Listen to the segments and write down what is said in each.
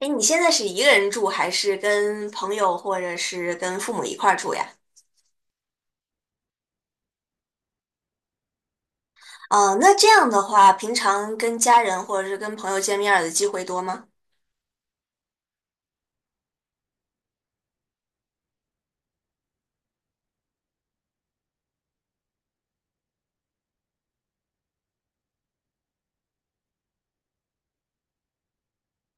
哎，你现在是一个人住，还是跟朋友或者是跟父母一块儿住呀？哦，那这样的话，平常跟家人或者是跟朋友见面儿的机会多吗？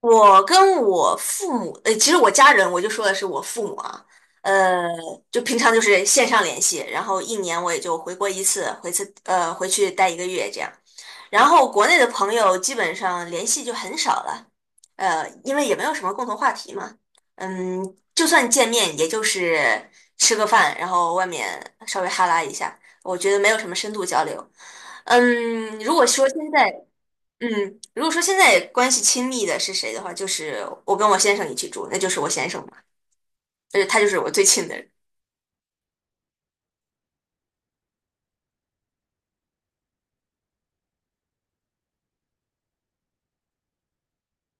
我跟我父母，其实我家人，我就说的是我父母啊，呃，就平常就是线上联系，然后一年我也就回国一次，回去待一个月这样。然后国内的朋友基本上联系就很少了，因为也没有什么共同话题嘛。嗯，就算见面，也就是吃个饭，然后外面稍微哈拉一下，我觉得没有什么深度交流。嗯，如果说现在。嗯，如果说现在关系亲密的是谁的话，就是我跟我先生一起住，那就是我先生嘛，就是他就是我最亲的人。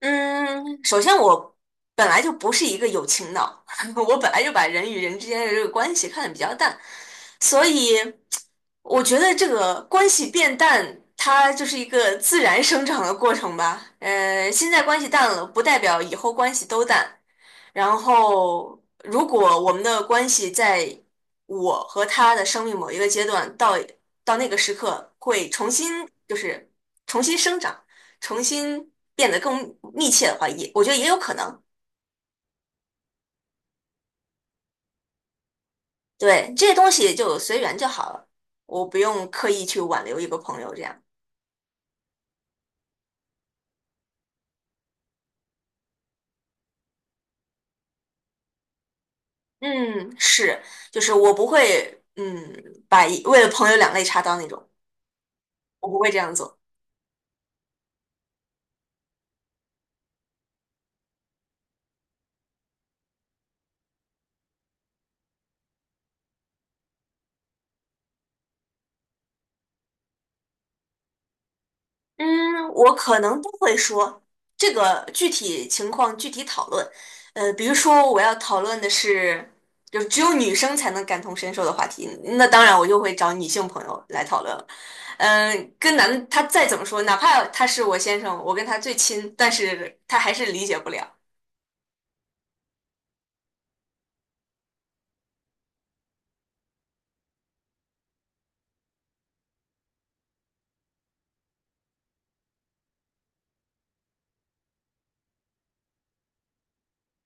嗯，首先我本来就不是一个有情脑，我本来就把人与人之间的这个关系看得比较淡，所以我觉得这个关系变淡，它就是一个自然生长的过程吧。呃，现在关系淡了，不代表以后关系都淡。然后，如果我们的关系在我和他的生命某一个阶段到那个时刻会重新就是重新生长。重新变得更密切的话，也我觉得也有可能。对，这些东西就随缘就好了，我不用刻意去挽留一个朋友这样。嗯，是，就是我不会，嗯，把一为了朋友两肋插刀那种，我不会这样做。嗯，我可能都会说这个具体情况具体讨论。呃，比如说我要讨论的是，就只有女生才能感同身受的话题，那当然我就会找女性朋友来讨论了。嗯，跟男的他再怎么说，哪怕他是我先生，我跟他最亲，但是他还是理解不了。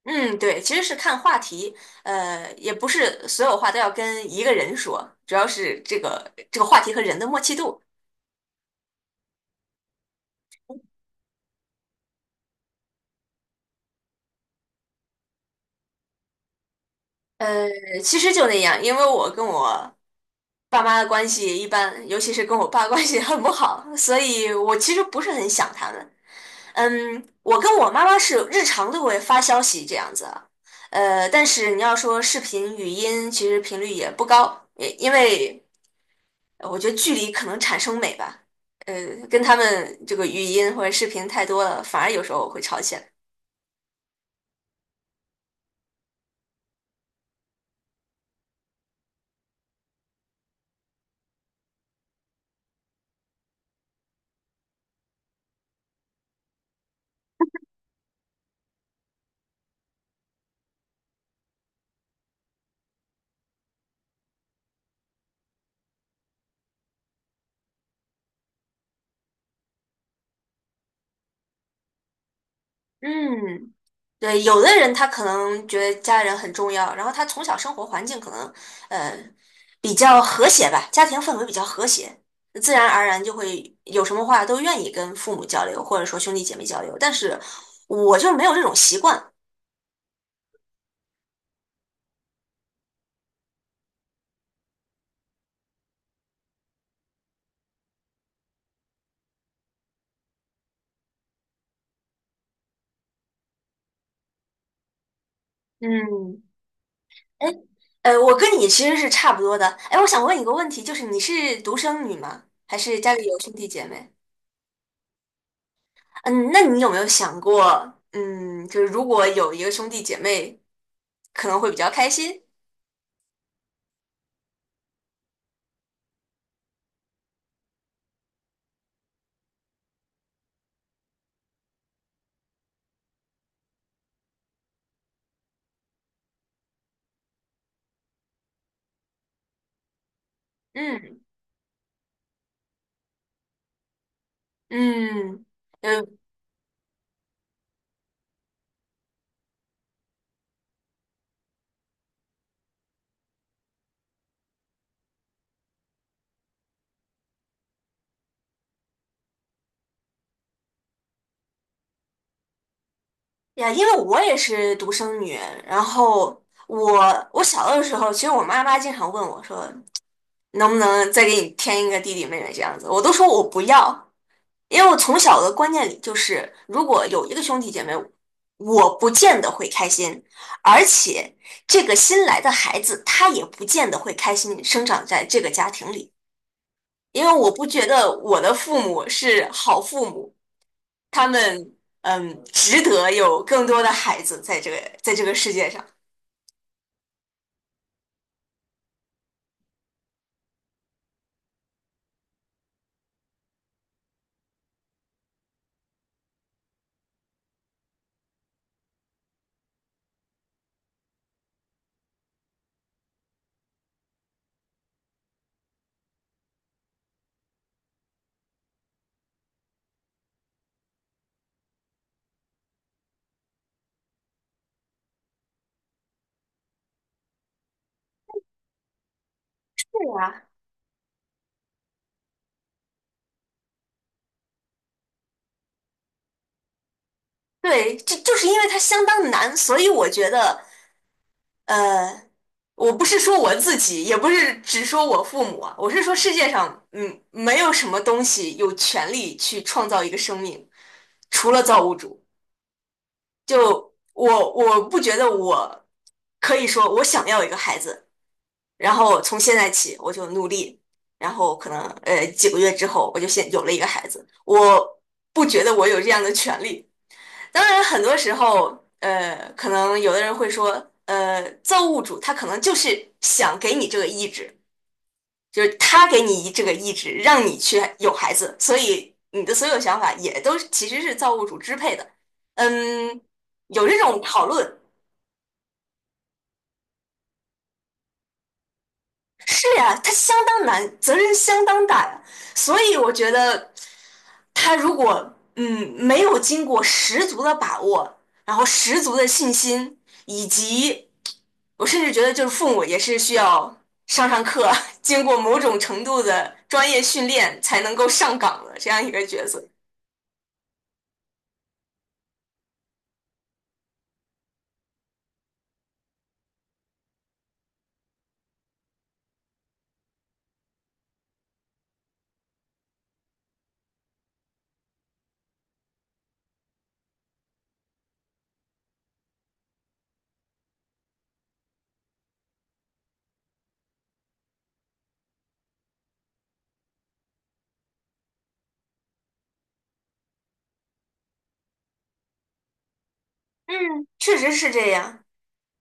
嗯，对，其实是看话题，也不是所有话都要跟一个人说，主要是这个话题和人的默契度。呃，其实就那样，因为我跟我爸妈的关系一般，尤其是跟我爸关系很不好，所以我其实不是很想他们。嗯，我跟我妈妈是日常都会发消息这样子啊，呃，但是你要说视频、语音，其实频率也不高，也因为我觉得距离可能产生美吧。呃，跟他们这个语音或者视频太多了，反而有时候会吵起来。嗯，对，有的人他可能觉得家人很重要，然后他从小生活环境可能呃比较和谐吧，家庭氛围比较和谐，自然而然就会有什么话都愿意跟父母交流，或者说兄弟姐妹交流。但是我就没有这种习惯。嗯，哎，我跟你其实是差不多的。哎，我想问一个问题，就是你是独生女吗？还是家里有兄弟姐妹？嗯，那你有没有想过，嗯，就是如果有一个兄弟姐妹，可能会比较开心？嗯。嗯。嗯呀，因为我也是独生女，然后我小的时候，其实我妈妈经常问我说，能不能再给你添一个弟弟妹妹这样子，我都说我不要，因为我从小的观念里就是，如果有一个兄弟姐妹，我不见得会开心，而且这个新来的孩子他也不见得会开心生长在这个家庭里，因为我不觉得我的父母是好父母。他们嗯，值得有更多的孩子在这个在这个世界上。对呀。对，这就是因为它相当难，所以我觉得，呃，我不是说我自己，也不是只说我父母啊，我是说世界上，嗯，没有什么东西有权利去创造一个生命，除了造物主。就我，我不觉得我可以说我想要一个孩子，然后从现在起我就努力，然后可能几个月之后我就先有了一个孩子，我不觉得我有这样的权利。当然，很多时候可能有的人会说，造物主他可能就是想给你这个意志，就是他给你这个意志，让你去有孩子，所以你的所有想法也都其实是造物主支配的。嗯，有这种讨论。是呀，他相当难，责任相当大呀。所以我觉得，他如果没有经过十足的把握，然后十足的信心，以及我甚至觉得就是父母也是需要上上课，经过某种程度的专业训练才能够上岗的这样一个角色。嗯，确实是这样。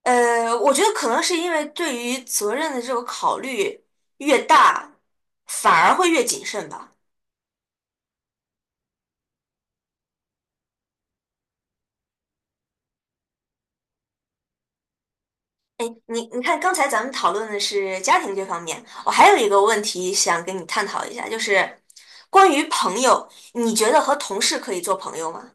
呃，我觉得可能是因为对于责任的这个考虑越大，反而会越谨慎吧。哎，你看，刚才咱们讨论的是家庭这方面，我还有一个问题想跟你探讨一下，就是关于朋友，你觉得和同事可以做朋友吗？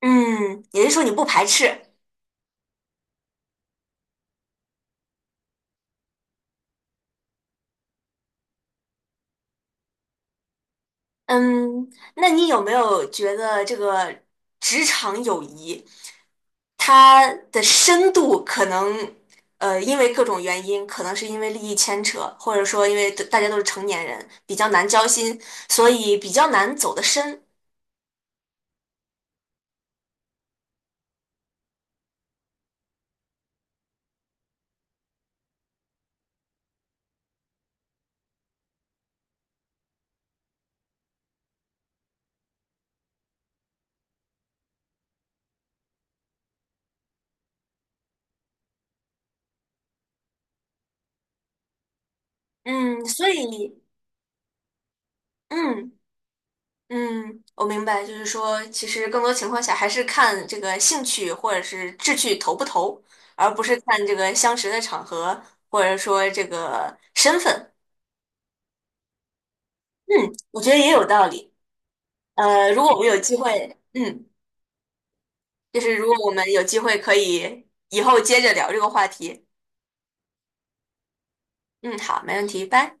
嗯，也就是说你不排斥。嗯，那你有没有觉得这个职场友谊它的深度可能，呃，因为各种原因，可能是因为利益牵扯，或者说因为大家都是成年人，比较难交心，所以比较难走得深。嗯，所以。嗯。嗯，我明白，就是说，其实更多情况下还是看这个兴趣或者是志趣投不投，而不是看这个相识的场合或者说这个身份。嗯，我觉得也有道理。呃，如果我们有机会，可以以后接着聊这个话题。嗯，好，没问题，拜。